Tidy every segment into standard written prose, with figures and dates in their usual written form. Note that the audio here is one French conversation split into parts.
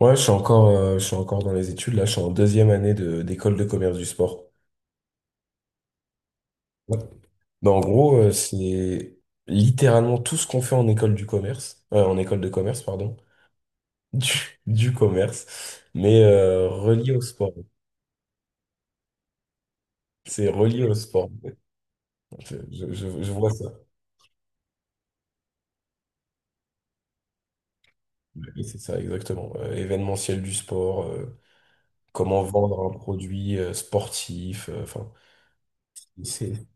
Ouais, je suis encore dans les études. Là, je suis en 2e année d'école de commerce du sport. Ouais. Ben, en gros, c'est littéralement tout ce qu'on fait en école du commerce, en école de commerce, pardon, du commerce, mais relié au sport. C'est relié au sport. Je vois ça. Oui, c'est ça, exactement. Événementiel du sport, comment vendre un produit sportif, enfin, c'est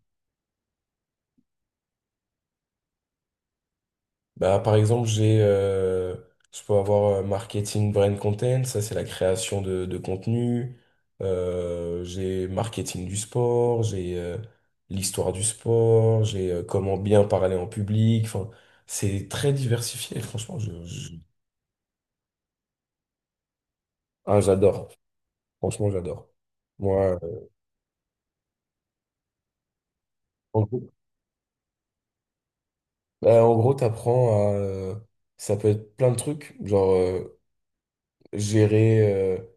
Bah, par exemple, je peux avoir marketing brand content, ça c'est la création de contenu. J'ai marketing du sport, j'ai l'histoire du sport, j'ai comment bien parler en public. Enfin, c'est très diversifié. Franchement, ah, j'adore. Franchement, j'adore. Moi, en gros, bah, en gros, t'apprends à, ça peut être plein de trucs, genre gérer.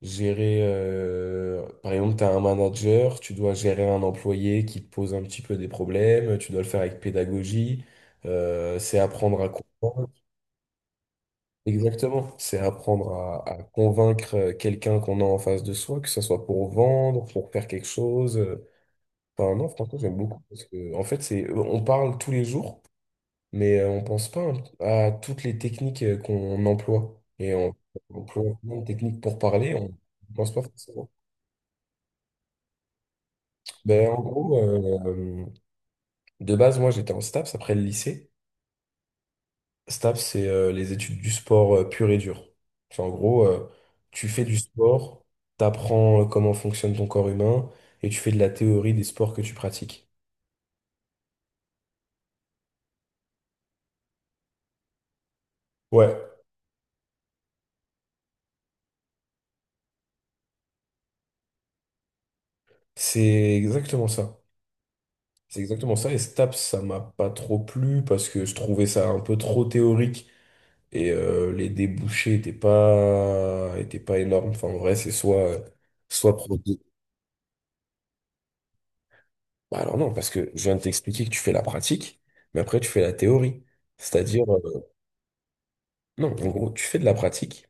Gérer, par exemple, tu as un manager, tu dois gérer un employé qui te pose un petit peu des problèmes, tu dois le faire avec pédagogie, c'est apprendre à convaincre. Exactement, c'est apprendre à convaincre quelqu'un qu'on a en face de soi, que ce soit pour vendre, pour faire quelque chose. Enfin, non, franchement, j'aime beaucoup parce que, en fait, on parle tous les jours, mais on pense pas à toutes les techniques qu'on emploie. On emploie plein de techniques pour parler, on pense pas forcément. Ben, en gros, de base, moi j'étais en STAPS après le lycée. STAPS, c'est les études du sport pur et dur. Enfin, en gros, tu fais du sport, t'apprends comment fonctionne ton corps humain et tu fais de la théorie des sports que tu pratiques. Ouais, c'est exactement ça. C'est exactement ça. Et STAPS, ça m'a pas trop plu parce que je trouvais ça un peu trop théorique et les débouchés étaient pas énormes. Enfin, en vrai, soit pro. Bah alors non, parce que je viens de t'expliquer que tu fais la pratique, mais après tu fais la théorie. C'est-à-dire, non, en gros, tu fais de la pratique.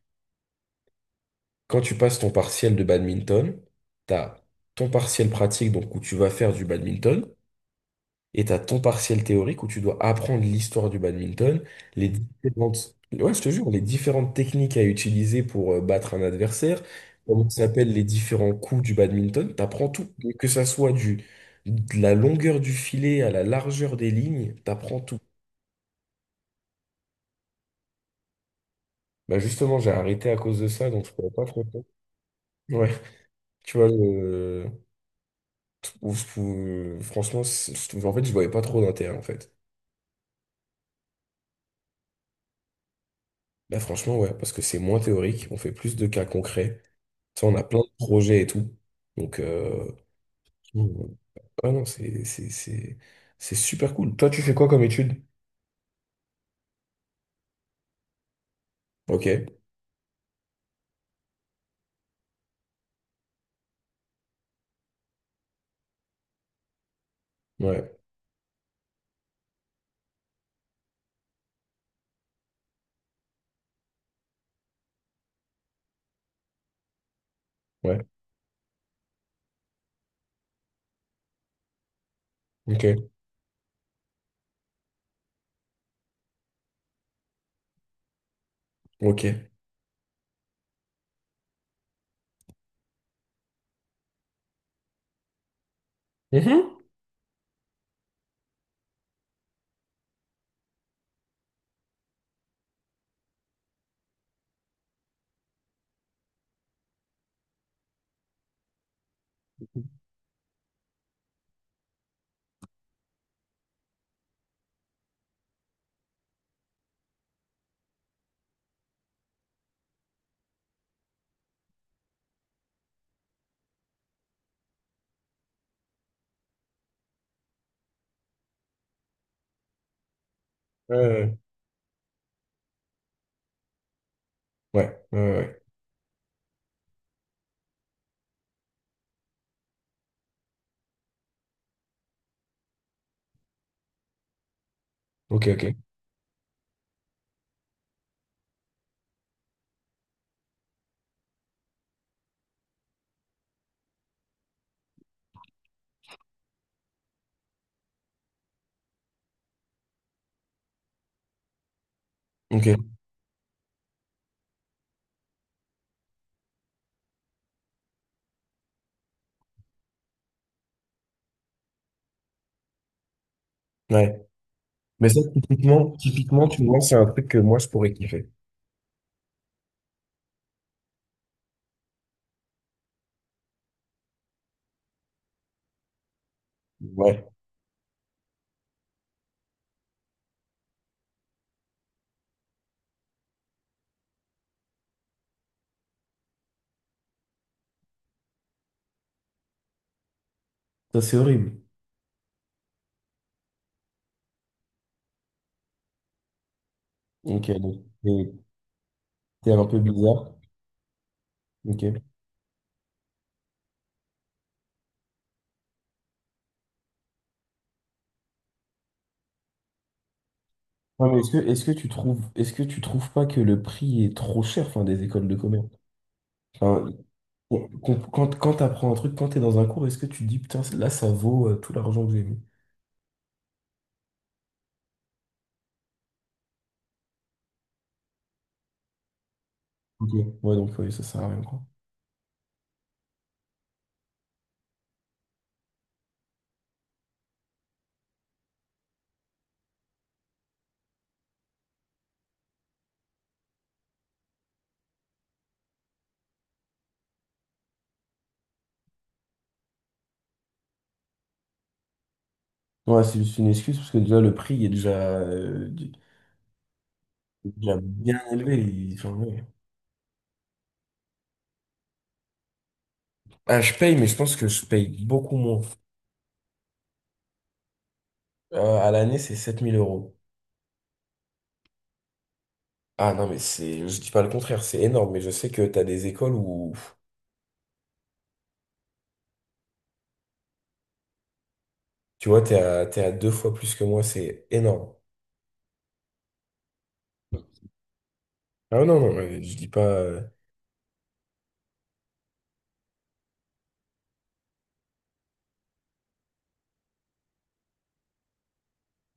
Quand tu passes ton partiel de badminton, t'as ton partiel pratique, donc où tu vas faire du badminton, et t'as ton partiel théorique où tu dois apprendre l'histoire du badminton, ouais, je te jure, les différentes techniques à utiliser pour battre un adversaire, comment s'appellent les différents coups du badminton, t'apprends tout, que ça soit du de la longueur du filet à la largeur des lignes, t'apprends tout. Bah justement, j'ai arrêté à cause de ça, donc je pourrais pas trop. Ouais, tu vois, le... franchement, en fait, je voyais pas trop d'intérêt, en fait. Là, franchement, ouais, parce que c'est moins théorique, on fait plus de cas concrets. Ça, on a plein de projets et tout. Donc, Mm. ah non, c'est super cool. Toi, tu fais quoi comme étude? Ok, ouais, ouais, ok, ok. Mhm. Ouais, ouais, ouais, ouais, ouais, ouais. Ok, ok, ok, ouais. Mais ça, typiquement, tu vois, c'est un truc que moi, je pourrais kiffer. Ouais. Ça, c'est horrible. Ok, donc t'es un peu bizarre. Ok. Non, mais est-ce que tu trouves pas que le prix est trop cher, enfin, des écoles de commerce? Enfin, quand t'apprends un truc, quand t'es dans un cours, est-ce que tu te dis, putain, là, ça vaut tout l'argent que j'ai mis? Ok. Ouais, donc, oui, ça sert à rien, quoi. Ouais, c'est juste une excuse, parce que déjà, le prix est déjà, du- déjà bien élevé. Enfin, ouais. Ah, je paye, mais je pense que je paye beaucoup moins. À l'année, c'est 7000 euros. Ah non, mais c'est, je dis pas le contraire, c'est énorme, mais je sais que t'as des écoles où, tu vois, t'es à 2 fois plus que moi, c'est énorme. Ah non, non, mais je dis pas.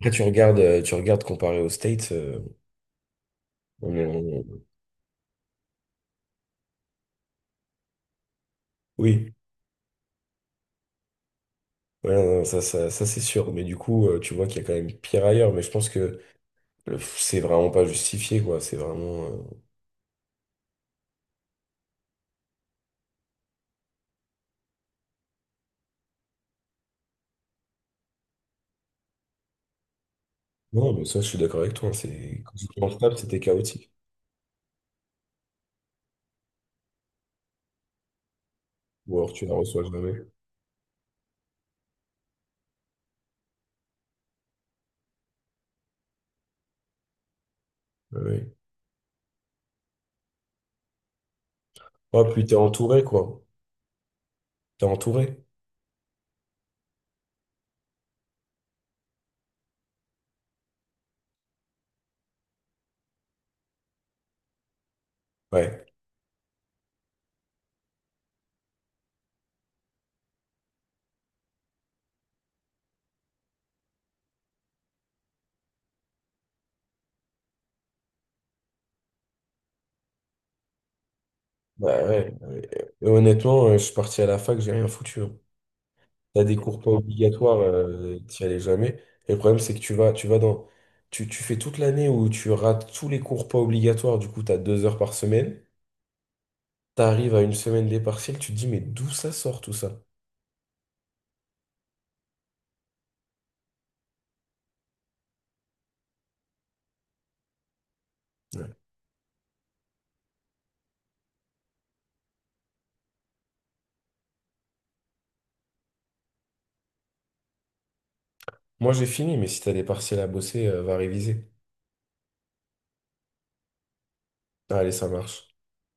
Après, tu regardes comparé aux States, on est- on- oui, ouais, non, non, ça, c'est sûr, mais du coup, tu vois qu'il y a quand même pire ailleurs, mais je pense que c'est vraiment pas justifié, quoi, c'est vraiment. Non, mais ça, je suis d'accord avec toi, hein, c'est. Quand tu te lances pas, c'était chaotique, ou alors tu la reçois jamais. Ouais, ouais. Oh, puis t'es entouré, quoi, t'es entouré, ouais. Bah ouais, ouais. Et honnêtement, je suis parti à la fac, j'ai rien foutu. Hein. T'as des cours pas obligatoires, t'y allais jamais. Et le problème, c'est que tu vas dans. Tu fais toute l'année où tu rates tous les cours pas obligatoires, du coup, t'as 2 heures par semaine. T'arrives à une semaine des partiels, tu te dis, mais d'où ça sort tout ça? Ouais. Moi, j'ai fini, mais si t'as des partiels à bosser, va réviser. Allez, ça marche.